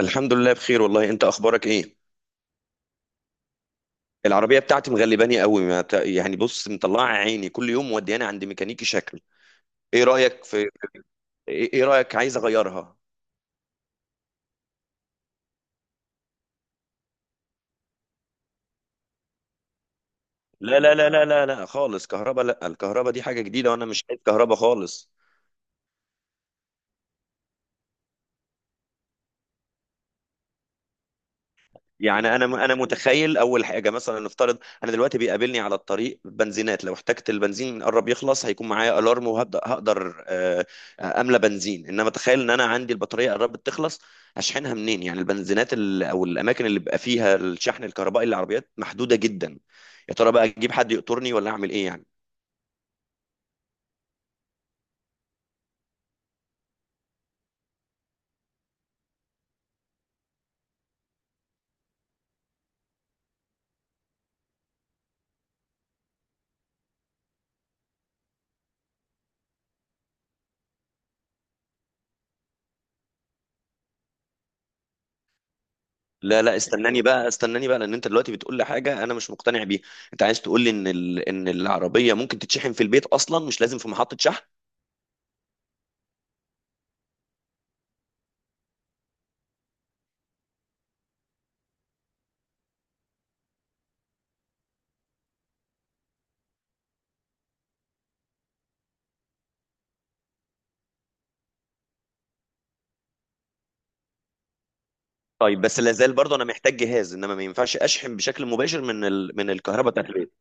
الحمد لله بخير والله، انت اخبارك ايه؟ العربيه بتاعتي مغلباني قوي، ما ت... يعني بص، مطلعه عيني كل يوم، مودياني عند ميكانيكي شكل. ايه رايك؟ في ايه؟ إيه رايك؟ عايز اغيرها. لا، لا، لا، لا، لا، لا خالص كهرباء. لا، الكهرباء دي حاجه جديده وانا مش عايز كهرباء خالص. يعني انا متخيل اول حاجه، مثلا نفترض، انا دلوقتي بيقابلني على الطريق بنزينات، لو احتجت البنزين قرب يخلص هيكون معايا الارم وهبدا هقدر املى بنزين. انما تخيل ان انا عندي البطاريه قربت تخلص، هشحنها منين؟ يعني البنزينات او الاماكن اللي بيبقى فيها الشحن الكهربائي للعربيات محدوده جدا. يا ترى بقى اجيب حد يقطرني ولا اعمل ايه يعني؟ لا، لا، استناني بقى، استناني بقى، لان انت دلوقتي بتقول لي حاجه انا مش مقتنع بيها. انت عايز تقول لي ان ان العربيه ممكن تتشحن في البيت اصلا، مش لازم في محطه شحن؟ طيب، بس لازال برضه انا محتاج جهاز، انما ما ينفعش اشحن بشكل مباشر من من الكهرباء بتاعت البيت؟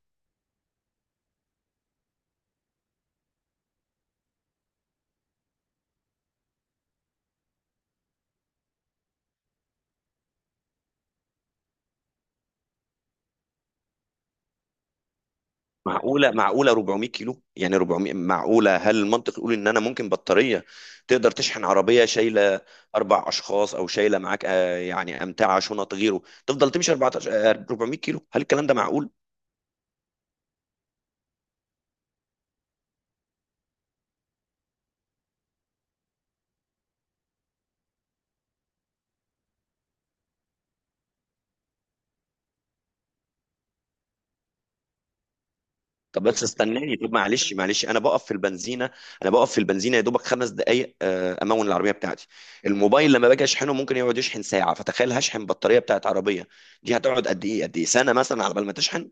معقوله، معقوله 400 كيلو؟ يعني 400 معقوله؟ هل المنطق يقول ان انا ممكن بطاريه تقدر تشحن عربيه شايله 4 اشخاص، او شايله معاك يعني امتعه شنط غيره، تفضل تمشي 14، 400 كيلو؟ هل الكلام ده معقول؟ طب بس استناني، طب معلش، انا بقف في البنزينه يا دوبك 5 دقائق، امون العربيه بتاعتي. الموبايل لما باجي اشحنه ممكن يقعد يشحن ساعه، فتخيل هشحن بطاريه بتاعت عربيه، دي هتقعد قد ايه؟ سنه مثلا على بال ما تشحن؟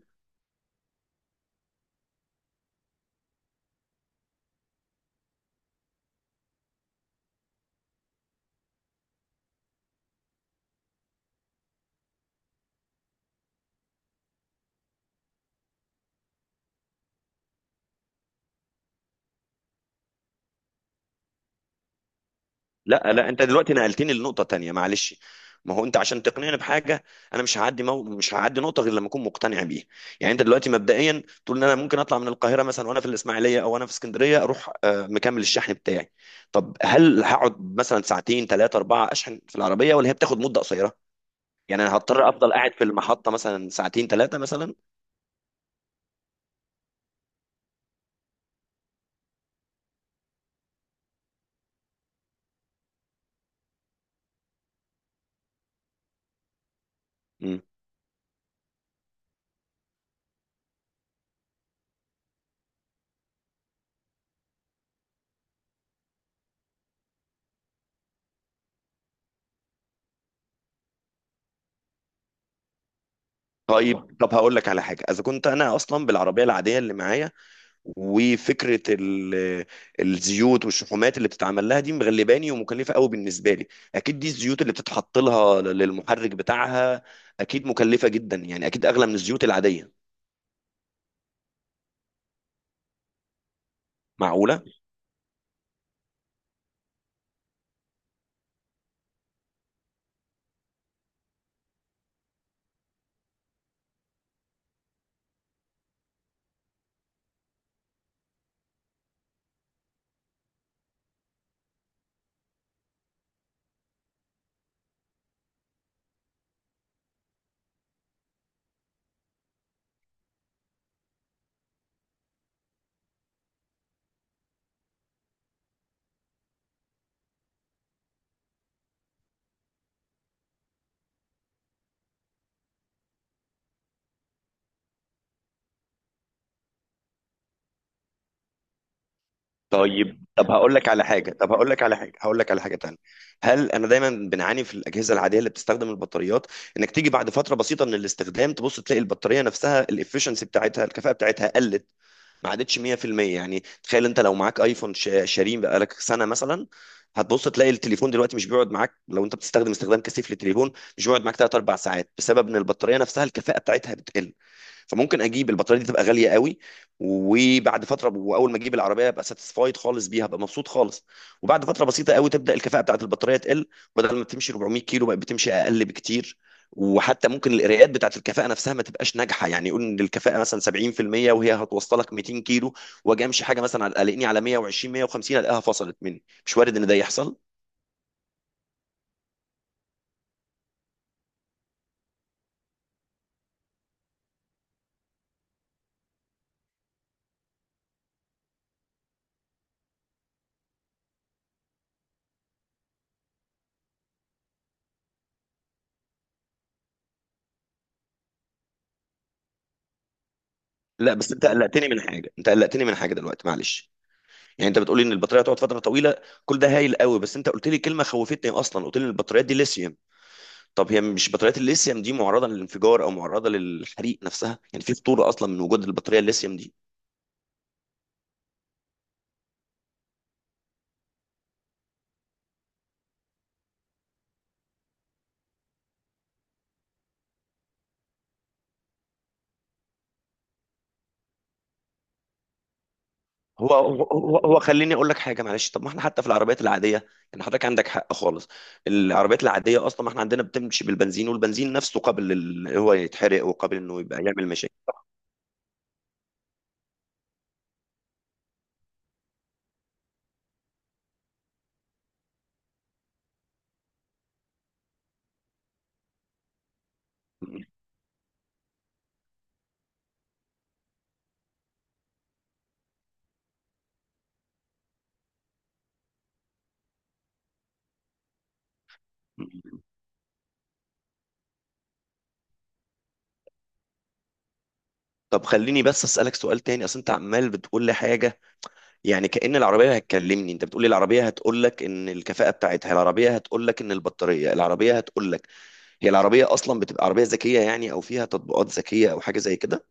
لا، لا، انت دلوقتي نقلتني لنقطة تانية، معلش. ما هو انت عشان تقنعني بحاجة، انا مش هعدي نقطة غير لما اكون مقتنع بيها. يعني انت دلوقتي مبدئيا تقول ان انا ممكن اطلع من القاهرة مثلا، وانا في الاسماعيلية او انا في اسكندرية، اروح مكمل الشحن بتاعي؟ طب هل هقعد مثلا ساعتين، ثلاثة، أربعة اشحن في العربية، ولا هي بتاخد مدة قصيرة؟ يعني انا هضطر افضل قاعد في المحطة مثلا ساعتين، ثلاثة مثلا؟ مم. طيب، هقول لك على حاجة اذا كنت انا اصلا بالعربية العادية اللي معايا، وفكره الزيوت والشحومات اللي بتتعمل لها دي مغلباني ومكلفه قوي بالنسبه لي. اكيد دي الزيوت اللي بتتحط لها للمحرك بتاعها، اكيد مكلفه جدا، يعني اكيد اغلى من الزيوت العاديه. معقوله. طيب، طب هقول لك على حاجه طب هقول لك على حاجه هقول لك على حاجه تانية. هل انا دايما بنعاني في الاجهزه العاديه اللي بتستخدم البطاريات، انك تيجي بعد فتره بسيطه من الاستخدام، تبص تلاقي البطاريه نفسها الافشنسي بتاعتها، الكفاءه بتاعتها قلت، ما عادتش 100%؟ يعني تخيل انت لو معاك ايفون شاريه بقالك سنه مثلا، هتبص تلاقي التليفون دلوقتي مش بيقعد معاك، لو انت بتستخدم استخدام كثيف للتليفون، مش بيقعد معاك 3 4 ساعات، بسبب ان البطاريه نفسها الكفاءه بتاعتها بتقل. فممكن اجيب البطاريه دي تبقى غاليه قوي، وبعد فتره، واول ما اجيب العربيه ابقى ساتسفايد خالص بيها، ابقى مبسوط خالص، وبعد فتره بسيطه قوي تبدا الكفاءه بتاعت البطاريه تقل، بدل ما بتمشي 400 كيلو بقت بتمشي اقل بكتير. وحتى ممكن القراءات بتاعت الكفاءه نفسها ما تبقاش ناجحه، يعني يقول ان الكفاءه مثلا 70% وهي هتوصلك 200 كيلو، واجي امشي حاجه مثلا قلقني على 120، 150، الاقيها فصلت مني. مش وارد ان ده يحصل. لا، بس انت قلقتني من حاجه دلوقتي، معلش. يعني انت بتقولي ان البطاريه هتقعد فتره طويله، كل ده هايل قوي، بس انت قلت لي كلمه خوفتني، اصلا قلت لي ان البطاريات دي ليثيوم. طب هي مش بطاريات الليثيوم دي معرضه للانفجار او معرضه للحريق نفسها؟ يعني في خطوره اصلا من وجود البطاريه الليثيوم؟ هو، خليني اقول لك حاجه، معلش. طب ما احنا حتى في العربيات العاديه، يعني حضرتك عندك حق خالص، العربيات العاديه اصلا ما احنا عندنا بتمشي بالبنزين، والبنزين نفسه قابل هو يتحرق، وقابل انه يبقى يعمل مشاكل. طب خليني بس اسالك سؤال تاني، اصل انت عمال بتقول لي حاجه، يعني كأن العربيه هتكلمني. انت بتقول لي العربيه هتقول لك ان الكفاءه بتاعتها، العربيه هتقول لك ان البطاريه، العربيه هتقول لك. هي العربيه اصلا بتبقى عربيه ذكيه يعني، او فيها تطبيقات ذكيه او حاجه زي كده؟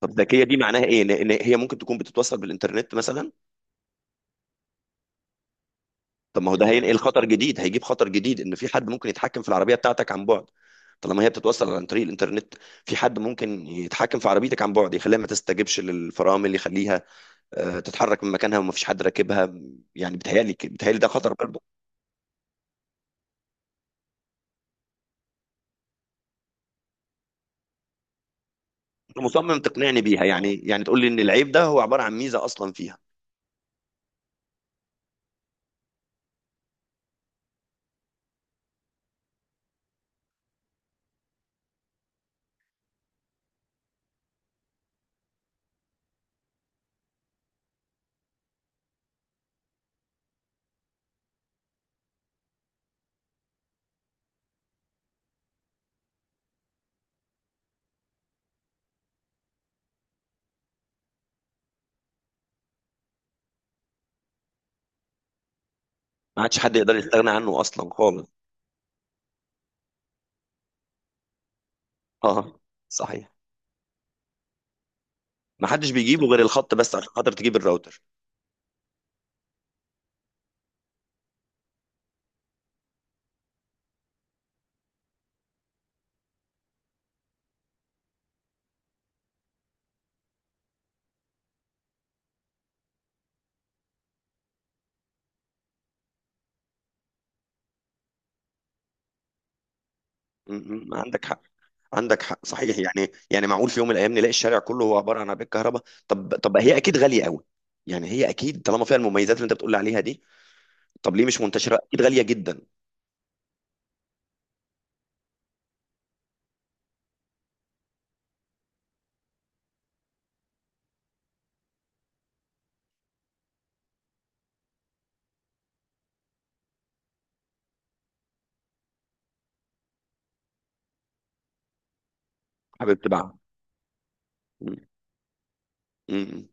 طب ذكيه دي معناها ايه؟ ان هي ممكن تكون بتتوصل بالانترنت مثلا؟ طب ما هو ده هينقل خطر جديد هيجيب خطر جديد، ان في حد ممكن يتحكم في العربيه بتاعتك عن بعد، طالما هي بتتوصل عن طريق الانترنت. في حد ممكن يتحكم في عربيتك عن بعد، يخليها ما تستجبش للفرامل، يخليها تتحرك من مكانها وما فيش حد راكبها. يعني بتهيالي ده خطر برضه. أنت مصمم تقنعني بيها، يعني تقول لي ان العيب ده هو عباره عن ميزه اصلا فيها؟ ما عادش حد يقدر يستغنى عنه اصلا خالص. اه. صحيح. ما حدش بيجيبه غير الخط، بس عشان خاطر تجيب الراوتر. م- عندك حق، صحيح، يعني معقول في يوم من الايام نلاقي الشارع كله هو عباره عن عربيه كهرباء؟ طب، هي اكيد غاليه قوي، يعني هي اكيد طالما فيها المميزات اللي انت بتقول عليها دي، طب ليه مش منتشره؟ اكيد غاليه جدا. حابب تباع. م- م- م.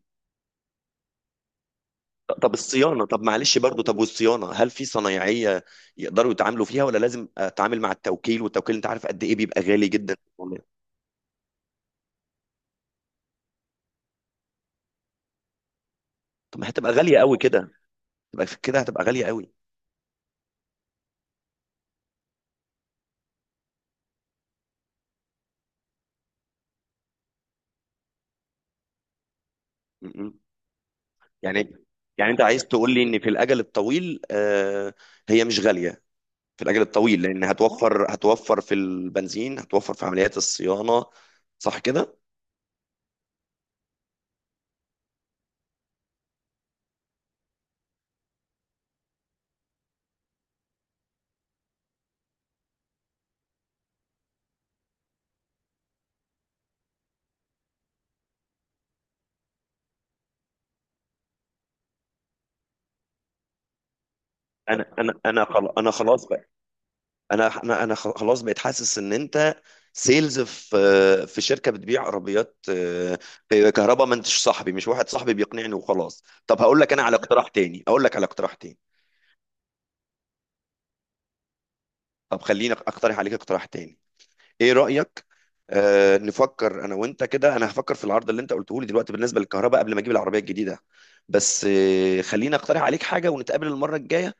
طب الصيانه، طب معلش برضو، والصيانه، هل في صنايعيه يقدروا يتعاملوا فيها، ولا لازم اتعامل مع التوكيل؟ والتوكيل انت عارف قد ايه بيبقى غالي جدا والله. طب ما هتبقى غاليه قوي كده، تبقى في كده هتبقى غاليه قوي. م- م. يعني يعني انت عايز تقول لي ان في الاجل الطويل هي مش غاليه، في الاجل الطويل، لان هتوفر في البنزين، هتوفر في عمليات الصيانه. صح كده؟ انا خلاص بقى، انا خلاص بقيت حاسس ان انت سيلز في شركه بتبيع عربيات كهرباء. ما انتش صاحبي، مش واحد صاحبي بيقنعني وخلاص. طب هقول لك انا على اقتراح تاني اقول لك على اقتراح تاني، طب خليني اقترح عليك اقتراح تاني. ايه رأيك؟ نفكر انا وانت كده، انا هفكر في العرض اللي انت قلته لي دلوقتي بالنسبة للكهرباء قبل ما اجيب العربية الجديدة. بس خليني اقترح عليك حاجة ونتقابل المرة الجاية،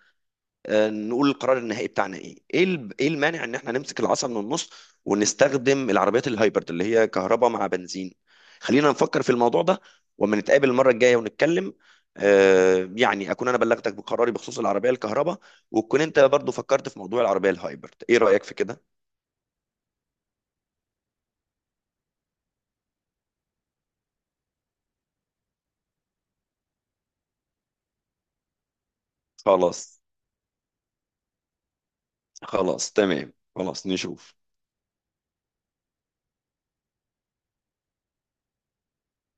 نقول القرار النهائي بتاعنا ايه المانع ان احنا نمسك العصا من النص، ونستخدم العربيات الهايبرد اللي هي كهرباء مع بنزين. خلينا نفكر في الموضوع ده، وما نتقابل المرة الجاية ونتكلم، يعني اكون انا بلغتك بقراري بخصوص العربية الكهرباء، وتكون انت برضو فكرت في موضوع العربية الهايبرد. ايه رأيك في كده؟ خلاص، خلاص، تمام، خلاص نشوف.